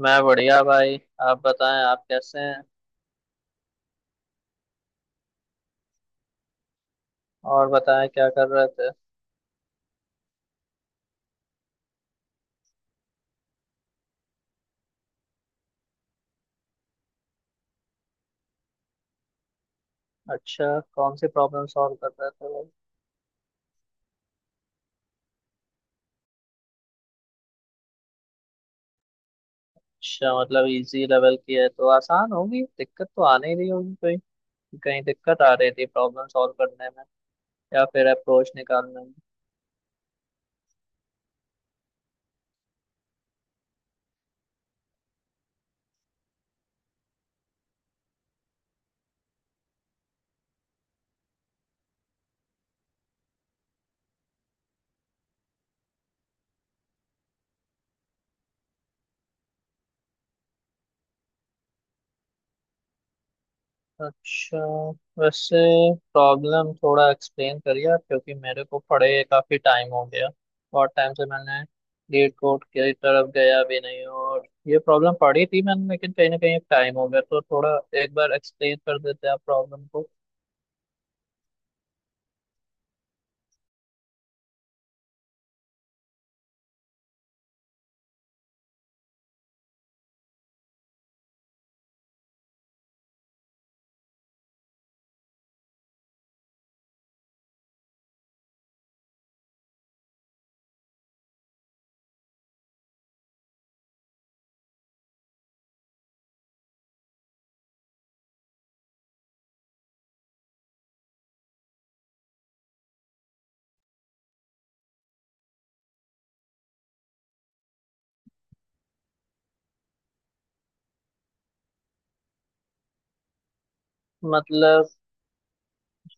मैं बढ़िया भाई। आप बताएं आप कैसे हैं। और बताएं क्या कर रहे थे। अच्छा, कौन सी प्रॉब्लम सॉल्व कर रहे थे भाई। अच्छा, मतलब इजी लेवल की है तो आसान होगी, दिक्कत तो आने ही रही होगी कोई। कहीं दिक्कत आ रही थी प्रॉब्लम सॉल्व करने में या फिर अप्रोच निकालने में। अच्छा, वैसे प्रॉब्लम थोड़ा एक्सप्लेन करिए आप, क्योंकि मेरे को पढ़े काफ़ी टाइम हो गया। बहुत टाइम से मैंने लीड कोड की तरफ गया भी नहीं और ये प्रॉब्लम पढ़ी थी मैंने, लेकिन कहीं ना कहीं टाइम हो गया तो थोड़ा एक बार एक्सप्लेन कर देते आप प्रॉब्लम को। मतलब,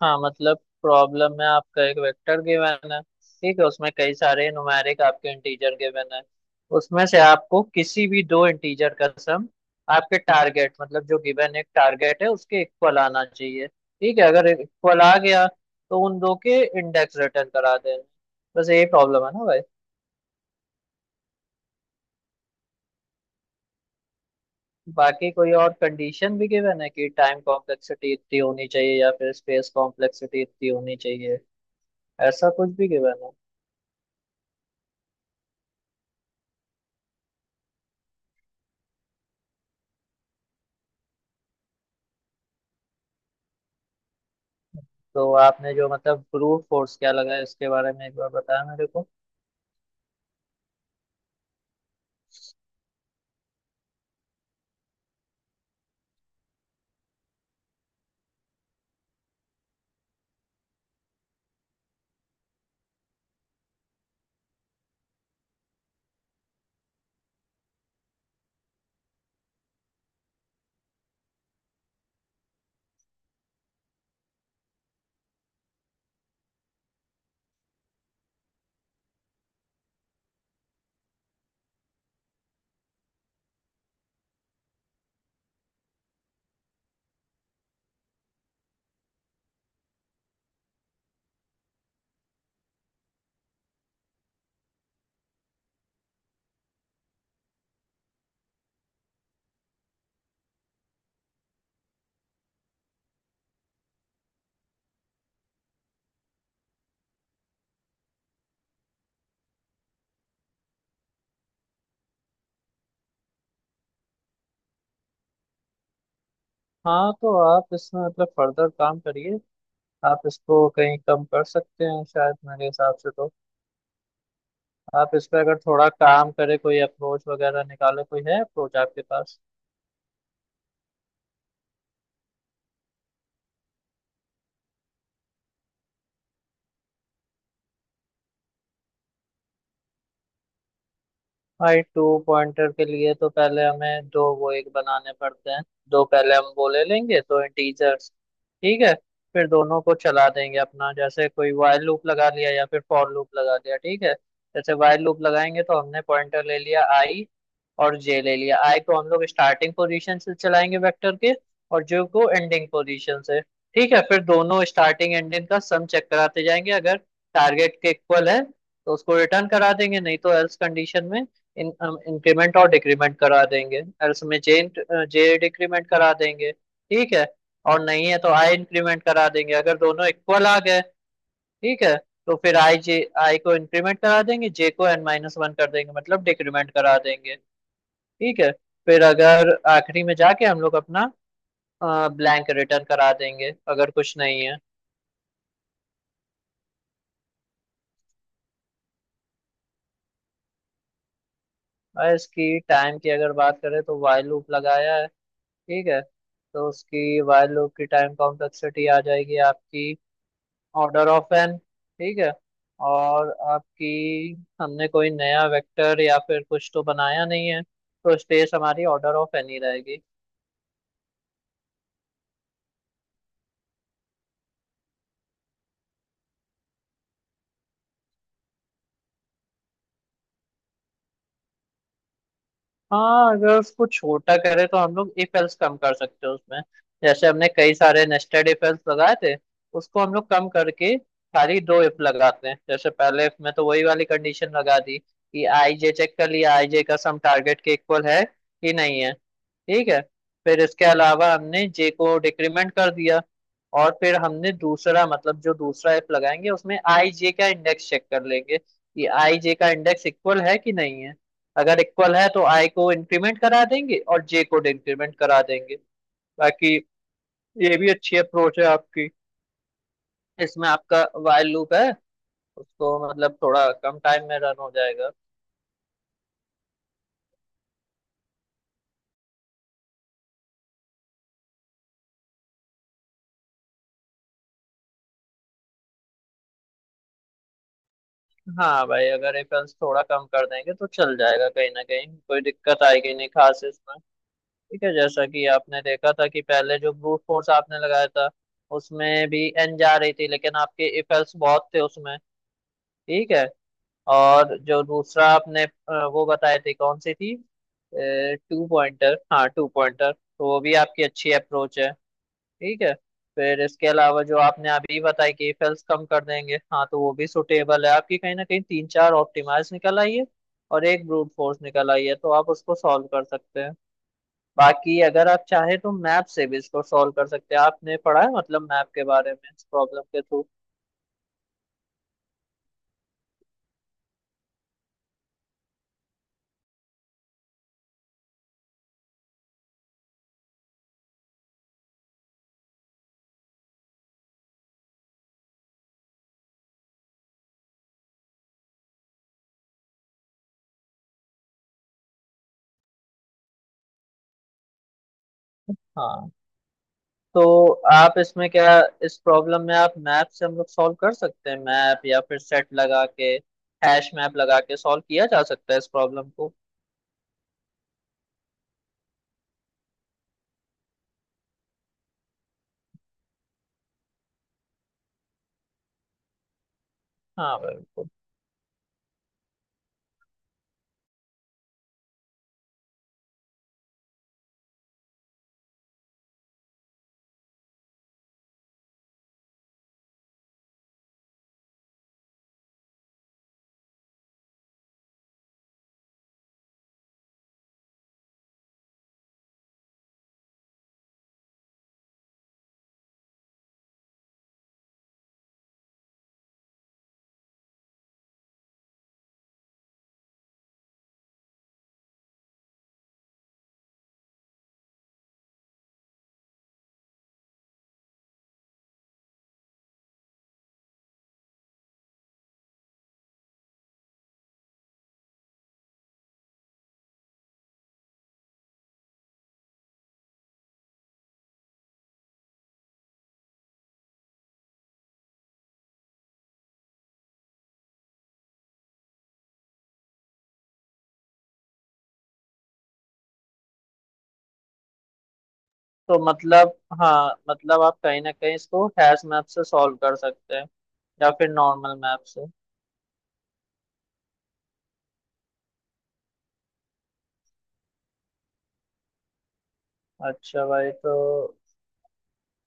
हाँ मतलब प्रॉब्लम में आपका एक वेक्टर गिवन है, ठीक है, उसमें कई सारे न्यूमेरिक आपके इंटीजर गिवन है। उसमें से आपको किसी भी दो इंटीजर का सम आपके टारगेट, मतलब जो गिवन एक टारगेट है, उसके इक्वल आना चाहिए। ठीक है, अगर इक्वल आ गया तो उन दो के इंडेक्स रिटर्न करा देना। बस यही प्रॉब्लम है ना भाई। बाकी कोई और कंडीशन भी गिवन है कि टाइम कॉम्प्लेक्सिटी इतनी होनी चाहिए या फिर स्पेस कॉम्प्लेक्सिटी इतनी होनी चाहिए, ऐसा कुछ भी गिवन है। तो आपने जो मतलब ब्रूट फोर्स क्या लगा है इसके बारे में एक बार बताया मेरे को। हाँ तो आप इसमें मतलब फर्दर काम करिए। आप इसको कहीं कम कर सकते हैं शायद मेरे हिसाब से तो। आप इस पर अगर थोड़ा काम करें, कोई अप्रोच वगैरह निकाले, कोई है अप्रोच आपके पास। भाई टू पॉइंटर के लिए तो पहले हमें दो वो एक बनाने पड़ते हैं। दो पहले हम वो ले लेंगे दो इंटीजर्स। ठीक है, फिर दोनों को चला देंगे अपना, जैसे कोई while लूप लगा लिया या फिर फॉर लूप लगा लिया। ठीक है, जैसे while लूप लगाएंगे तो हमने पॉइंटर ले लिया आई और जे ले लिया। आई को हम लोग स्टार्टिंग पोजीशन से चलाएंगे वेक्टर के और जे को एंडिंग पोजीशन से। ठीक है, फिर दोनों स्टार्टिंग एंडिंग का सम चेक कराते जाएंगे, अगर टारगेट के इक्वल है तो उसको रिटर्न करा देंगे, नहीं तो एल्स कंडीशन में इन इंक्रीमेंट और डिक्रीमेंट करा देंगे, और उसमें जे जे डिक्रीमेंट करा देंगे। ठीक है, और नहीं है तो आई इंक्रीमेंट करा देंगे। अगर दोनों इक्वल आ गए, ठीक है, तो फिर आई को इंक्रीमेंट करा देंगे, जे को एन माइनस वन कर देंगे मतलब डिक्रीमेंट करा देंगे। ठीक है, फिर अगर आखिरी में जाके हम लोग अपना ब्लैंक रिटर्न करा देंगे अगर कुछ नहीं है। और इसकी टाइम की अगर बात करें तो वाइल लूप लगाया है, ठीक है, तो उसकी वाइल लूप की टाइम कॉम्प्लेक्सिटी आ जाएगी आपकी ऑर्डर ऑफ एन। ठीक है, और आपकी हमने कोई नया वेक्टर या फिर कुछ तो बनाया नहीं है, तो स्पेस हमारी ऑर्डर ऑफ एन ही रहेगी। हाँ, अगर उसको छोटा करें तो हम लोग इफ एल्स कम कर सकते हैं उसमें। जैसे हमने कई सारे नेस्टेड इफ एल्स लगाए थे, उसको हम लोग कम करके खाली दो इफ लगाते हैं। जैसे पहले इफ में तो वही वाली कंडीशन लगा दी कि आई जे चेक कर लिया, आई जे का सम टारगेट के इक्वल है कि नहीं है। ठीक है, फिर इसके अलावा हमने जे को डिक्रीमेंट कर दिया। और फिर हमने दूसरा, मतलब जो दूसरा एफ लगाएंगे उसमें आई जे का इंडेक्स चेक कर लेंगे कि आई जे का इंडेक्स इक्वल है कि नहीं है। अगर इक्वल है तो आई को इंक्रीमेंट करा देंगे और जे को डिक्रीमेंट करा देंगे। बाकी ये भी अच्छी अप्रोच है आपकी। इसमें आपका वाइल लूप है, उसको मतलब थोड़ा कम टाइम में रन हो जाएगा। हाँ भाई अगर रेफरेंस थोड़ा कम कर देंगे तो चल जाएगा, कहीं ना कहीं कोई दिक्कत आएगी नहीं खास इसमें। ठीक है, जैसा कि आपने देखा था कि पहले जो ब्रूट फोर्स आपने लगाया था उसमें भी एन जा रही थी, लेकिन आपके इफेल्ट्स बहुत थे उसमें। ठीक है, और जो दूसरा आपने वो बताए थे कौन सी थी। टू पॉइंटर, हाँ टू पॉइंटर तो वो भी आपकी अच्छी अप्रोच है। ठीक है, फिर इसके अलावा जो आपने अभी बताया कि इफेल्ट्स कम कर देंगे, हाँ तो वो भी सुटेबल है आपकी। कहीं ना कहीं तीन चार ऑप्टिमाइज निकल आई है और एक ब्रूट फोर्स निकल आई है तो आप उसको सॉल्व कर सकते हैं। बाकी अगर आप चाहे तो मैप से भी इसको सॉल्व कर सकते हैं। आपने पढ़ा है मतलब मैप के बारे में इस प्रॉब्लम के थ्रू। हाँ तो आप इसमें क्या, इस प्रॉब्लम में आप मैप से हम लोग सॉल्व कर सकते हैं, मैप या फिर सेट लगा के, हैश मैप लगा के सॉल्व किया जा सकता है इस प्रॉब्लम को। हाँ बिल्कुल। तो मतलब, हाँ मतलब आप कहीं ना कहीं इसको हैश मैप से सॉल्व कर सकते हैं या फिर नॉर्मल मैप से। अच्छा भाई। तो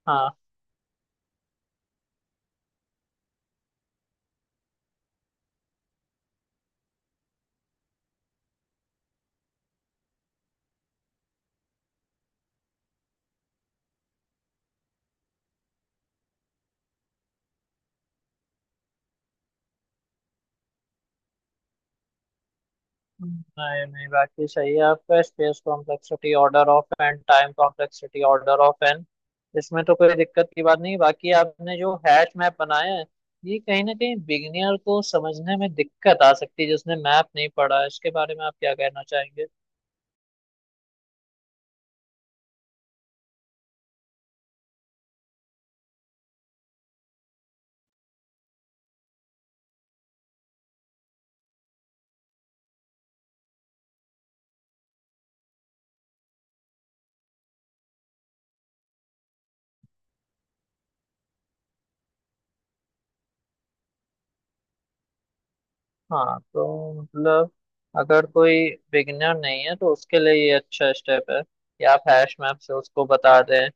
हाँ, नहीं नहीं, बाकी सही है आपका, space complexity order of N, time complexity order of N, इसमें तो कोई दिक्कत की बात नहीं। बाकी आपने जो हैश मैप बनाया है, ये कहीं ना कहीं बिगिनियर को समझने में दिक्कत आ सकती है जिसने मैप नहीं पढ़ा है, इसके बारे में आप क्या कहना चाहेंगे। हाँ तो मतलब, अगर कोई बिगिनर नहीं है तो उसके लिए ये अच्छा स्टेप है कि आप हैश मैप से उसको बता दें।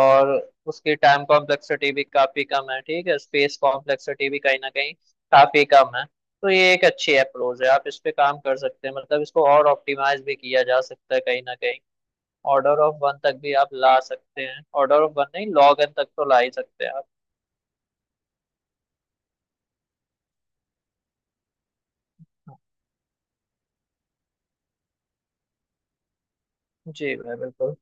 और उसकी टाइम कॉम्प्लेक्सिटी भी काफी कम है, ठीक है, स्पेस कॉम्प्लेक्सिटी भी कहीं ना कहीं काफी कम है। तो ये एक अच्छी अप्रोच है, आप इस पे काम कर सकते हैं। मतलब इसको और ऑप्टिमाइज भी किया जा सकता है, कहीं ना कहीं ऑर्डर ऑफ वन तक भी आप ला सकते हैं, ऑर्डर ऑफ वन नहीं लॉग एन तक तो ला ही सकते हैं आप। जी भाई बिल्कुल।